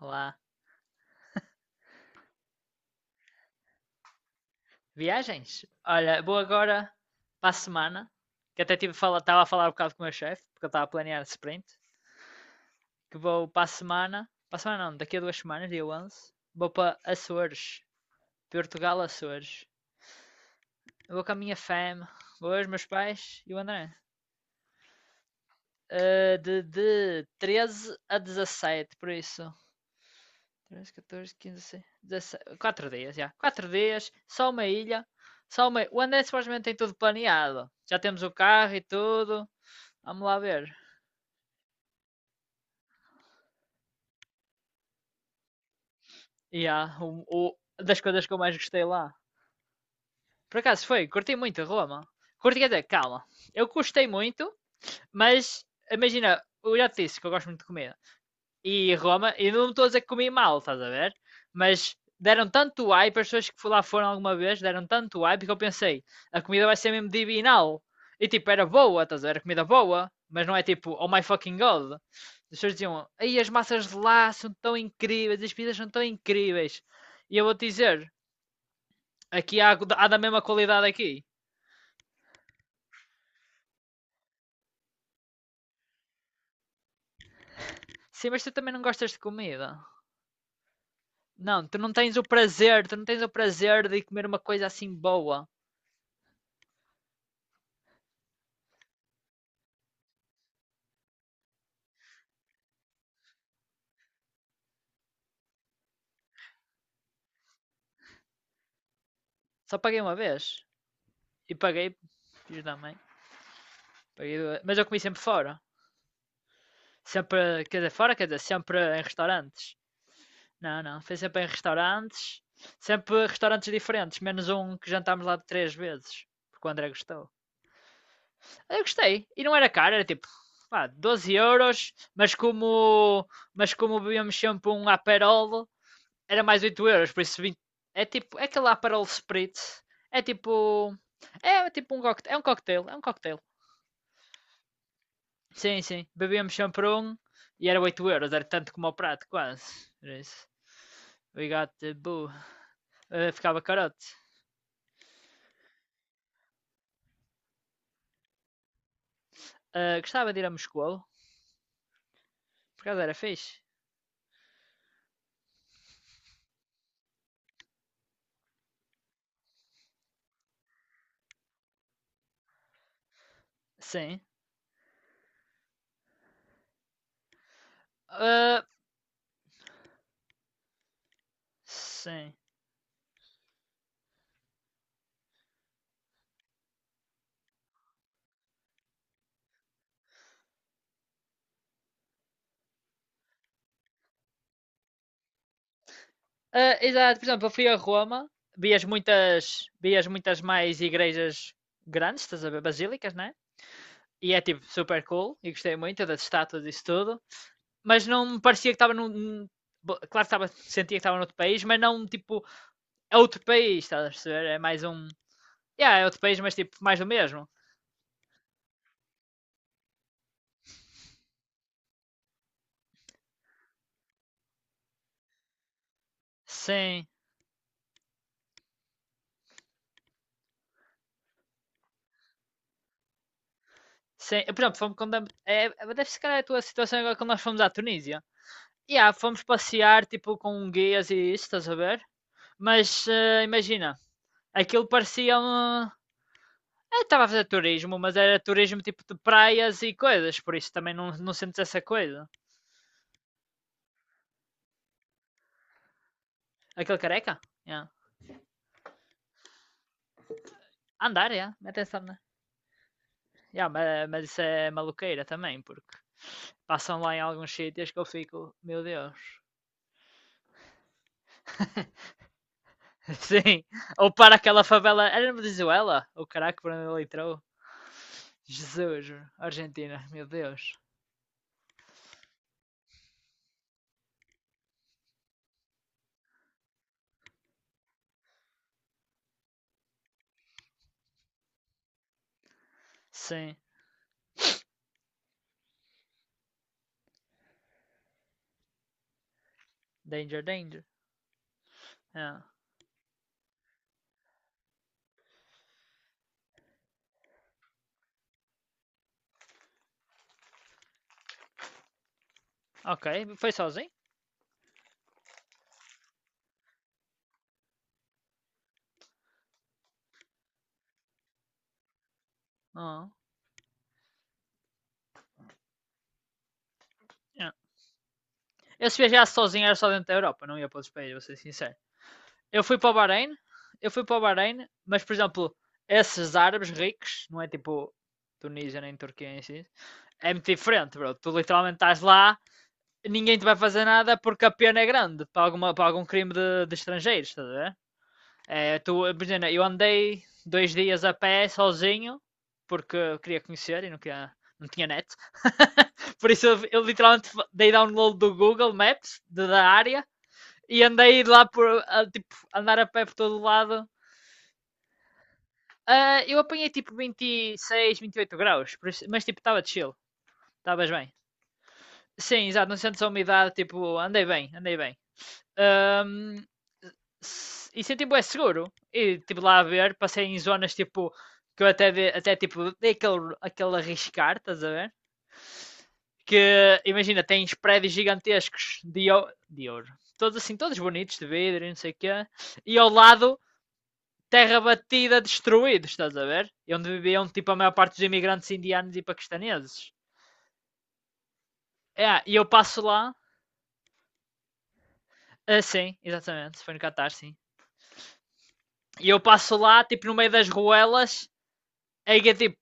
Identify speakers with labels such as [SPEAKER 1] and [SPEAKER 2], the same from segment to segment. [SPEAKER 1] Olá. Viagens? Olha, vou agora para a semana, que até tive a estava a falar um bocado com o meu chefe, porque eu estava a planear sprint, que vou para a semana não, daqui a 2 semanas, dia 11, vou para Açores, Portugal, Açores. Eu vou com a minha fam, Vou eu, os meus pais e o André. De 13 a dezassete, por isso. 13, 14, 15, 16, 4 dias, já. 4 dias, só uma ilha. Só uma. O André supostamente tem tudo planeado. Já temos o carro e tudo. Vamos lá ver. E há das coisas que eu mais gostei lá. Por acaso foi, curti muito Roma. Curti até, calma. Eu gostei muito, mas imagina, eu já te disse que eu gosto muito de comer. E Roma, e não estou a dizer que comi mal, estás a ver? Mas deram tanto hype, as pessoas que lá foram alguma vez deram tanto hype que eu pensei, a comida vai ser mesmo divinal. E tipo, era boa, estás a ver? Era comida boa, mas não é tipo, oh my fucking god. As pessoas diziam, aí as massas de lá são tão incríveis, as pizzas são tão incríveis. E eu vou te dizer, aqui há, da mesma qualidade aqui. Sim, mas tu também não gostas de comida. Não, tu não tens o prazer, tu não tens o prazer de comer uma coisa assim boa. Só paguei uma vez. E paguei, fiz da mãe. Paguei, mas eu comi sempre fora. Sempre, quer dizer, fora, quer dizer, sempre em restaurantes. Não, não, foi sempre em restaurantes. Sempre restaurantes diferentes, menos um que jantámos lá de três vezes. Porque o André gostou. Eu gostei. E não era caro, era tipo, pá, €12, mas como bebíamos sempre um Aperol, era mais €8, por isso 20. É tipo, é aquele Aperol Spritz. É tipo, é tipo um coquetel, é um coquetel, é um coquetel. Sim, sim. Bebíamos sempre um e era €8, era tanto como o prato, quase. Era isso. We got the boo. Ficava carote. Gostava de ir a Moscou, por acaso era fixe. Sim. Eh, sim. Exato, por exemplo, eu fui a Roma, vias muitas mais igrejas grandes, estás a ver, basílicas, né? E é tipo super cool, e gostei muito das estátuas e isso tudo. Mas não me parecia que estava num. Claro que estava, sentia que estava noutro país, mas não tipo é outro país, estás a perceber? É mais um. Yeah, é outro país, mas tipo, mais do mesmo. Sim, sim. Por exemplo, fomos quando. É, deve ser calhar a tua situação agora quando nós fomos à Tunísia. Yeah, fomos passear tipo com guias e isso, estás a ver? Mas imagina, aquilo parecia um. Eu estava a fazer turismo, mas era turismo tipo de praias e coisas, por isso também não sentes essa coisa. Aquele careca? Yeah. Andar, yeah. Atenção, né? Yeah, mas isso é maluqueira também, porque passam lá em alguns sítios que eu fico, meu Deus. Sim. Ou para aquela favela. Era na Venezuela? O caraca, por onde ele entrou? Jesus, Argentina, meu Deus. Sim. Danger, danger. Ah. OK, foi sozinho? Ah, ah. Eu se viajasse sozinho era só dentro da Europa, não ia para outros países, vou ser sincero. Eu fui para o Bahrein, eu fui para o Bahrein, mas por exemplo, esses árabes ricos, não é tipo Tunísia nem Turquia em si, é muito diferente, bro. Tu literalmente estás lá, ninguém te vai fazer nada porque a pena é grande para algum crime de estrangeiros, estás a ver? É, tu, imagina, eu andei 2 dias a pé sozinho porque eu queria conhecer e não, queria, não tinha net. Por isso eu literalmente dei download do Google Maps da área e andei lá por a, tipo, andar a pé por todo o lado. Eu apanhei tipo 26, 28 graus, por isso, mas tipo estava chill, estavas bem. Sim, exato, não sentes a umidade, tipo, andei bem, andei bem. Ahm, e senti bué seguro. E tipo lá a ver, passei em zonas tipo que eu até tipo dei aquele arriscar, estás a ver? Que imagina, tens prédios gigantescos de ouro, todos assim, todos bonitos de vidro e não sei o quê, e ao lado terra batida, destruídos, estás a ver? E onde viviam tipo a maior parte dos imigrantes indianos e paquistaneses. É, e eu passo lá, sim, exatamente, foi no Catar, sim. E eu passo lá, tipo no meio das ruelas, é que é tipo,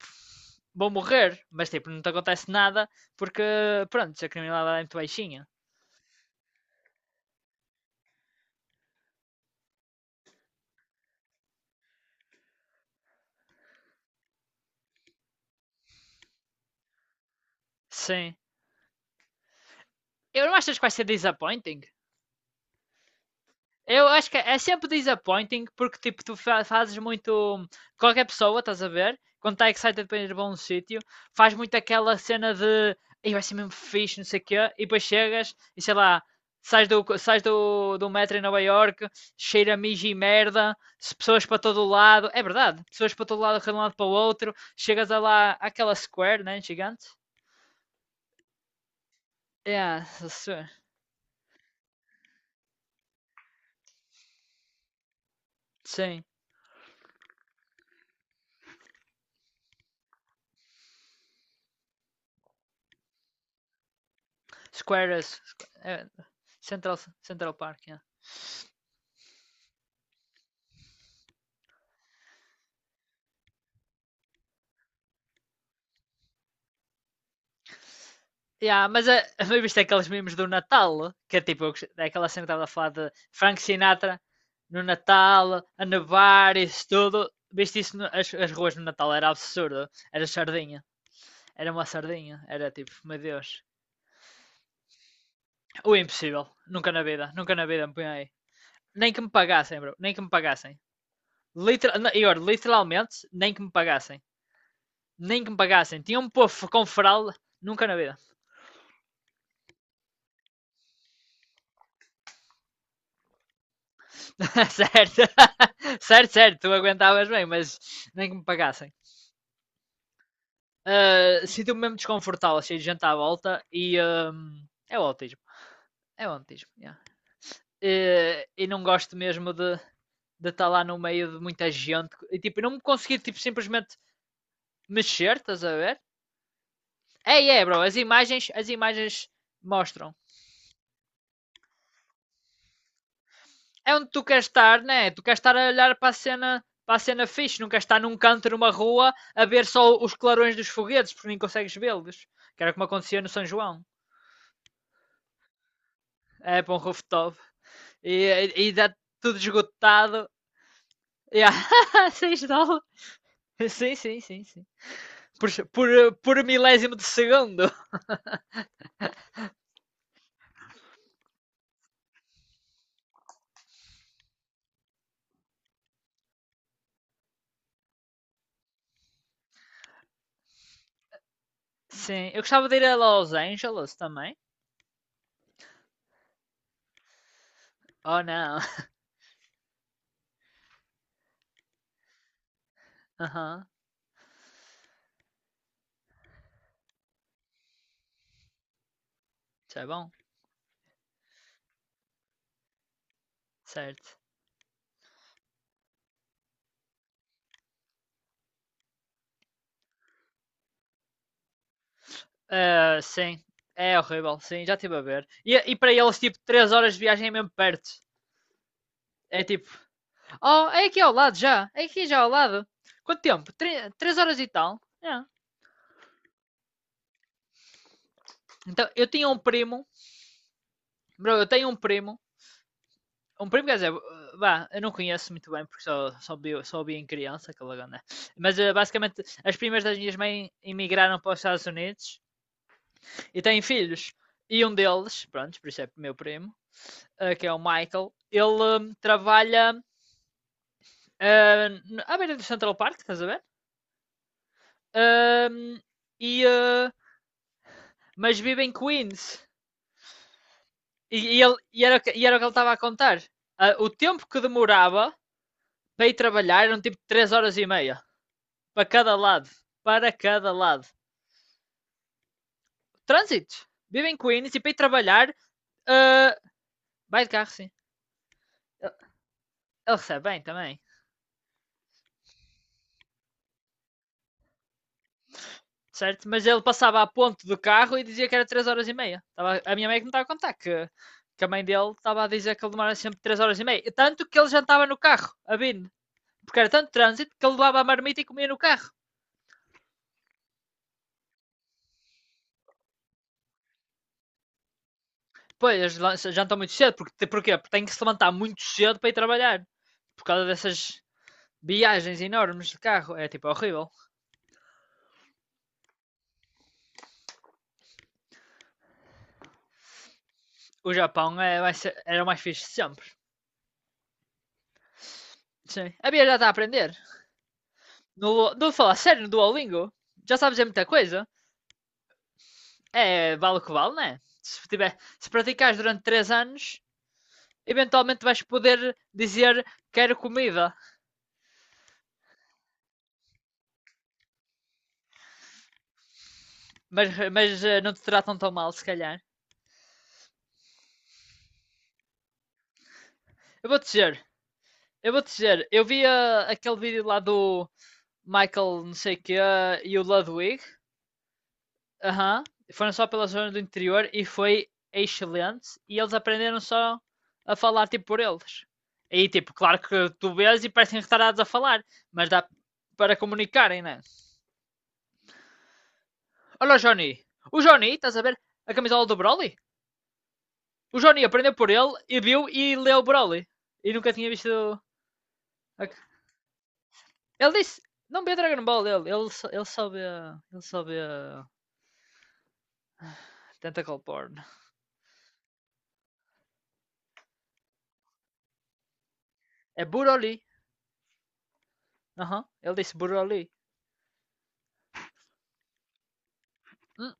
[SPEAKER 1] vou morrer, mas tipo, não te acontece nada porque, pronto, a criminalidade é muito baixinha. Sim. Eu não achas que vai ser disappointing? Eu acho que é sempre disappointing porque tipo, tu fazes muito. Qualquer pessoa, estás a ver? Quando está excited para ir para um sítio, faz muito aquela cena de "Ei, vai ser mesmo fixe, não sei o quê, e depois chegas e sei lá, sais do metro em Nova York, cheira a mijo e merda, pessoas para todo o lado, é verdade, pessoas para todo lado, de um lado para o outro, chegas a lá àquela square, né? Gigante? Yeah, sim, square is, é, Central, Central Park, yeah. Yeah, mas a minha vista é aqueles memes do Natal, que é tipo é aquela cena que estava a falar de Frank Sinatra no Natal, a nevar, isso tudo. Viste isso, as ruas no Natal era absurdo, era sardinha, era uma sardinha, era tipo, meu Deus, o impossível, nunca na vida, nunca na vida me punha aí. Nem que me pagassem, bro, nem que me pagassem. Literal, e olha, literalmente, nem que me pagassem, nem que me pagassem. Tinha um povo com fralda, nunca na vida. Certo, certo, certo, tu aguentavas bem, mas nem que me pagassem. Sinto-me mesmo desconfortável, cheio de gente à volta e um, é o autismo. É o autismo, yeah. E não gosto mesmo de estar lá no meio de muita gente e tipo, não me conseguir tipo, simplesmente mexer, estás a ver? É, bro, as imagens, mostram. É onde tu queres estar, né? Tu queres estar a olhar para a cena fixe, não queres estar num canto numa rua a ver só os clarões dos foguetes, porque nem consegues vê-los. Que era como acontecia no São João. É para um rooftop. E, e dá tudo esgotado. Yeah. $6. Sim, sim, sim, sim. Por, por, por milésimo de segundo. Sim. Eu gostava de ir a Los Angeles também. Oh não. Aham. Uhum. Isso é bom. Certo. Ah, sim, é horrível, sim, já estive a ver. E para eles, tipo, 3 horas de viagem é mesmo perto. É tipo, oh, é aqui ao lado já, é aqui já ao lado. Quanto tempo? Três horas e tal. É. Então, eu tinha um primo, bro, eu tenho um primo, quer dizer, vá, eu não conheço muito bem porque só vi em criança, aquela gana. Mas basicamente, as primas das minhas mães emigraram para os Estados Unidos e têm filhos. E um deles, pronto, por isso é meu primo, que é o Michael, ele trabalha ah, à beira do Central Park, estás a ver? Ahm, e, ah, mas vive em Queens. E ele, e, era, o que- E era o que ele estava a contar. Ah, o tempo que demorava para ir trabalhar eram tipo 3 horas e meia. Para cada lado. Para cada lado. Trânsito. Vive em Queens e para ir trabalhar. ah, Vai de carro, sim. Ele recebe bem também. Certo? Mas ele passava a ponto do carro e dizia que era 3 horas e meia. A minha mãe que me estava a contar que, a mãe dele estava a dizer que ele demorava sempre 3 horas e meia. E tanto que ele jantava no carro, a Bin, porque era tanto trânsito que ele levava a marmita e comia no carro. Pois, eles jantam muito cedo, porque, porquê? Porque tem que se levantar muito cedo para ir trabalhar. Por causa dessas viagens enormes de carro. É tipo horrível. O Japão era o mais fixe de sempre. Sim. A Bia já está a aprender. No falar sério no Duolingo. Já sabes dizer muita coisa. É, vale o que vale, né? Se praticares durante 3 anos, eventualmente vais poder dizer quero comida, mas, não te tratam tão mal, se calhar. Eu vou-te dizer, eu vou-te dizer, eu vi aquele vídeo lá do Michael não sei o quê e o Ludwig, aham, foram só pela zona do interior e foi excelente e eles aprenderam só a falar tipo por eles. Aí tipo, claro que tu vês e parecem retardados a falar, mas dá para comunicarem, né? Olha o Johnny. O Johnny, estás a ver? A camisola do Broly? O Johnny aprendeu por ele e viu e leu o Broly. E nunca tinha visto. Ele disse. Não vê Dragon Ball ele. Ele só vê. Ele só vê. Tentacle Porn. É Broly. Aham. Uhum. Ele disse Broly. Hum,